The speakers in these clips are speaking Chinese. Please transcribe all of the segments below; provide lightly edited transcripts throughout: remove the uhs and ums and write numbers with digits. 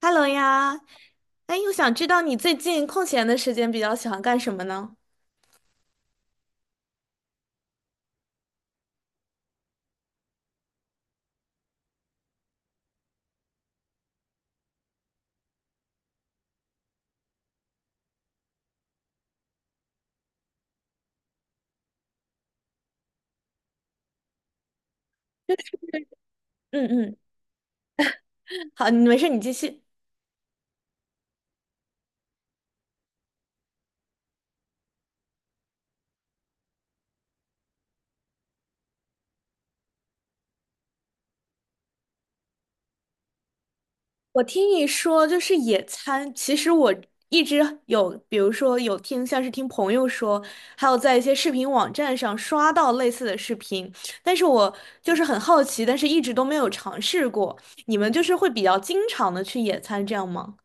Hello 呀，哎，我想知道你最近空闲的时间比较喜欢干什么呢？嗯嗯，好，你没事，你继续。我听你说就是野餐，其实我一直有，比如说有听像是听朋友说，还有在一些视频网站上刷到类似的视频，但是我就是很好奇，但是一直都没有尝试过。你们就是会比较经常的去野餐，这样吗？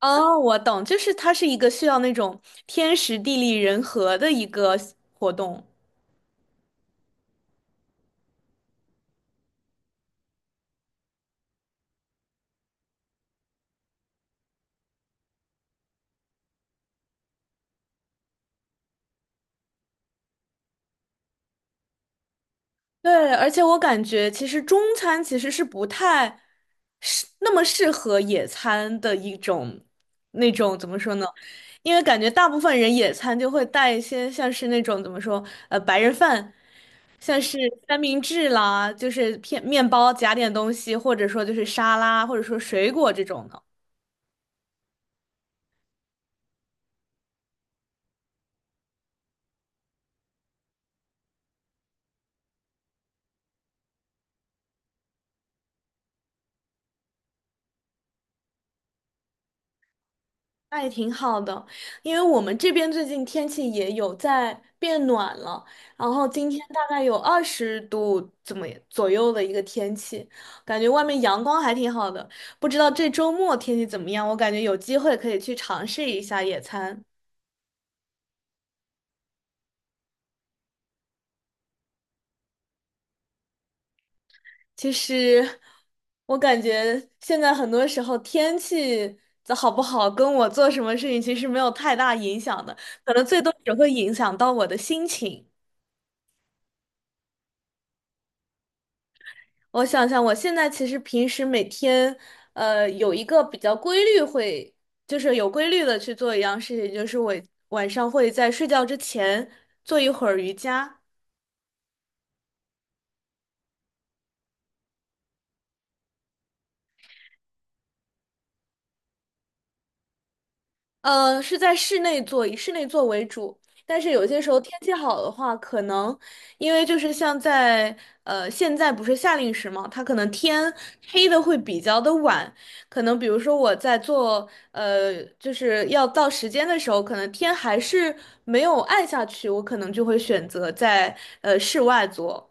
哦，我懂，就是它是一个需要那种天时地利人和的一个活动。对，而且我感觉其实中餐其实是不太那么适合野餐的一种那种怎么说呢？因为感觉大部分人野餐就会带一些像是那种怎么说白人饭，像是三明治啦，就是片面包夹点东西，或者说就是沙拉，或者说水果这种的。那也挺好的，因为我们这边最近天气也有在变暖了，然后今天大概有20度怎么左右的一个天气，感觉外面阳光还挺好的。不知道这周末天气怎么样？我感觉有机会可以去尝试一下野餐。其实我感觉现在很多时候天气的好不好跟我做什么事情其实没有太大影响的，可能最多只会影响到我的心情。我想想，我现在其实平时每天，有一个比较规律会，就是有规律的去做一样事情，就是我晚上会在睡觉之前做一会儿瑜伽。是在室内做，以室内做为主。但是有些时候天气好的话，可能因为就是像在现在不是夏令时嘛，它可能天黑的会比较的晚，可能比如说我在做就是要到时间的时候，可能天还是没有暗下去，我可能就会选择在室外做。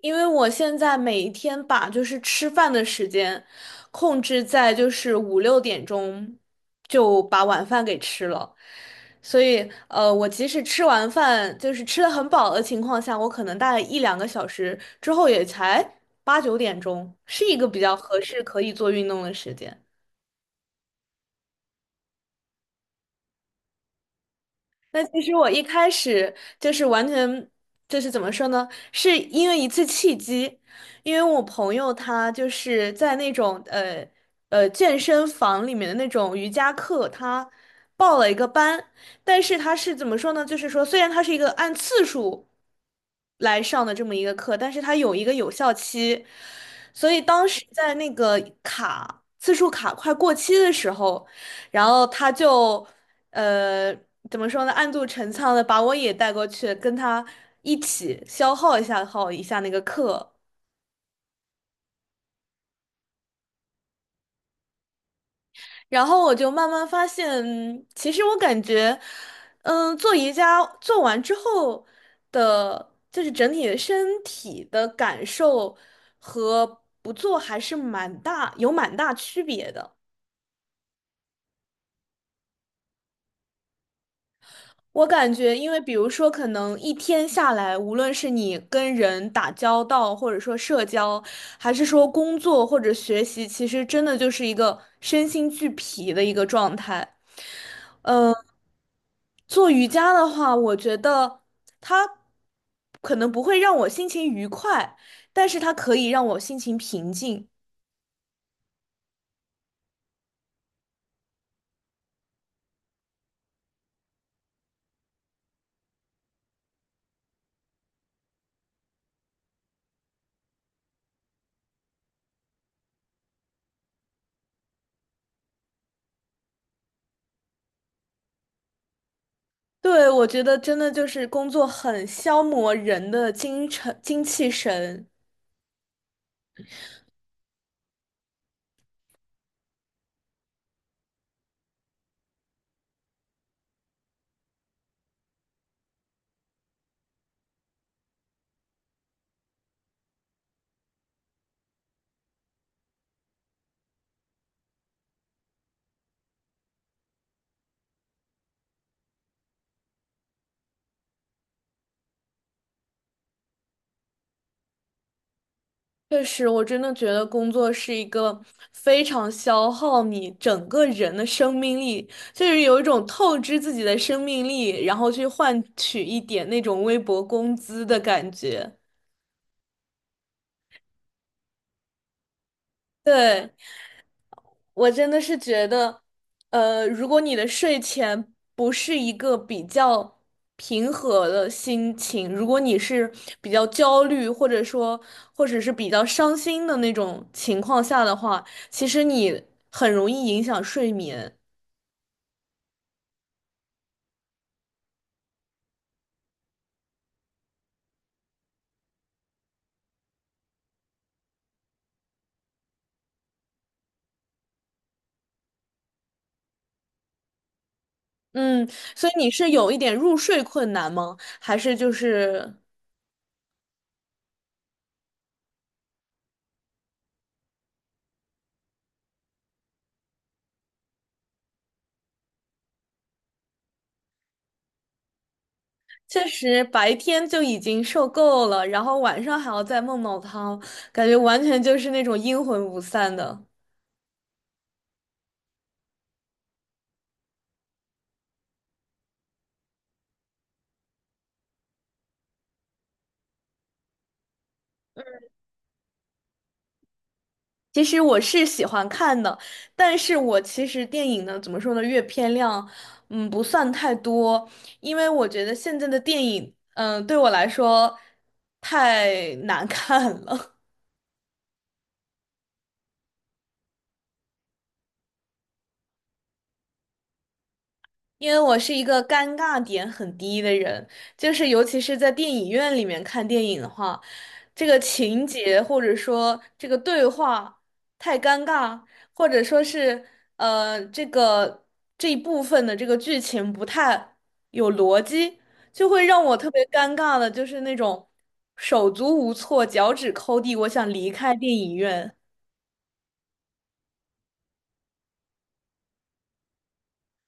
因为我现在每一天把就是吃饭的时间控制在就是五六点钟就把晚饭给吃了，所以我即使吃完饭就是吃的很饱的情况下，我可能大概一两个小时之后也才八九点钟，是一个比较合适可以做运动的时间。那其实我一开始就是完全就是怎么说呢？是因为一次契机，因为我朋友他就是在那种健身房里面的那种瑜伽课，他报了一个班，但是他是怎么说呢？就是说虽然他是一个按次数来上的这么一个课，但是它有一个有效期，所以当时在那个卡次数卡快过期的时候。然后他就呃怎么说呢，暗度陈仓的把我也带过去，跟他一起消耗一下那个课。然后我就慢慢发现，其实我感觉，做瑜伽做完之后的，就是整体的身体的感受和不做还是蛮大，有蛮大区别的。我感觉，因为比如说，可能一天下来，无论是你跟人打交道，或者说社交，还是说工作或者学习，其实真的就是一个身心俱疲的一个状态。嗯，做瑜伽的话，我觉得它可能不会让我心情愉快，但是它可以让我心情平静。对，我觉得真的就是工作很消磨人的精神、精气神。确实，我真的觉得工作是一个非常消耗你整个人的生命力，就是有一种透支自己的生命力，然后去换取一点那种微薄工资的感觉。对，我真的是觉得，如果你的睡前不是一个比较平和的心情，如果你是比较焦虑，或者说或者是比较伤心的那种情况下的话，其实你很容易影响睡眠。嗯，所以你是有一点入睡困难吗？还是就是。确实白天就已经受够了，然后晚上还要再梦到他，感觉完全就是那种阴魂不散的。其实我是喜欢看的，但是我其实电影呢，怎么说呢，阅片量，不算太多，因为我觉得现在的电影，对我来说太难看了。因为我是一个尴尬点很低的人，就是尤其是在电影院里面看电影的话，这个情节或者说这个对话太尴尬，或者说是呃这个这一部分的这个剧情不太有逻辑，就会让我特别尴尬的，就是那种手足无措、脚趾抠地，我想离开电影院。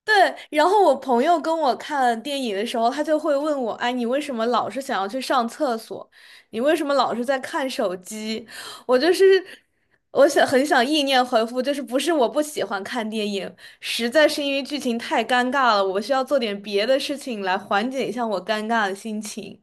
对，然后我朋友跟我看电影的时候，他就会问我：“哎，你为什么老是想要去上厕所？你为什么老是在看手机？”我就是，很想意念回复，就是不是我不喜欢看电影，实在是因为剧情太尴尬了，我需要做点别的事情来缓解一下我尴尬的心情。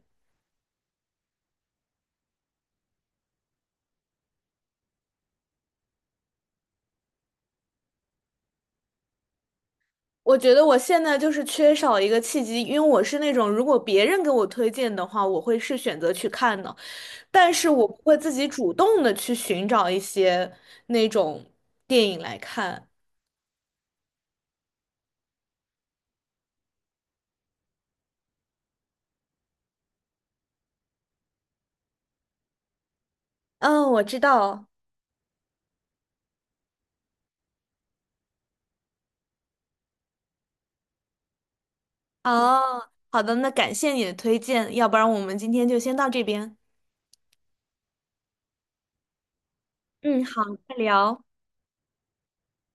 我觉得我现在就是缺少一个契机，因为我是那种如果别人给我推荐的话，我会是选择去看的。但是我不会自己主动的去寻找一些那种电影来看。嗯，我知道。哦，好的，那感谢你的推荐，要不然我们今天就先到这边。嗯，好，再聊。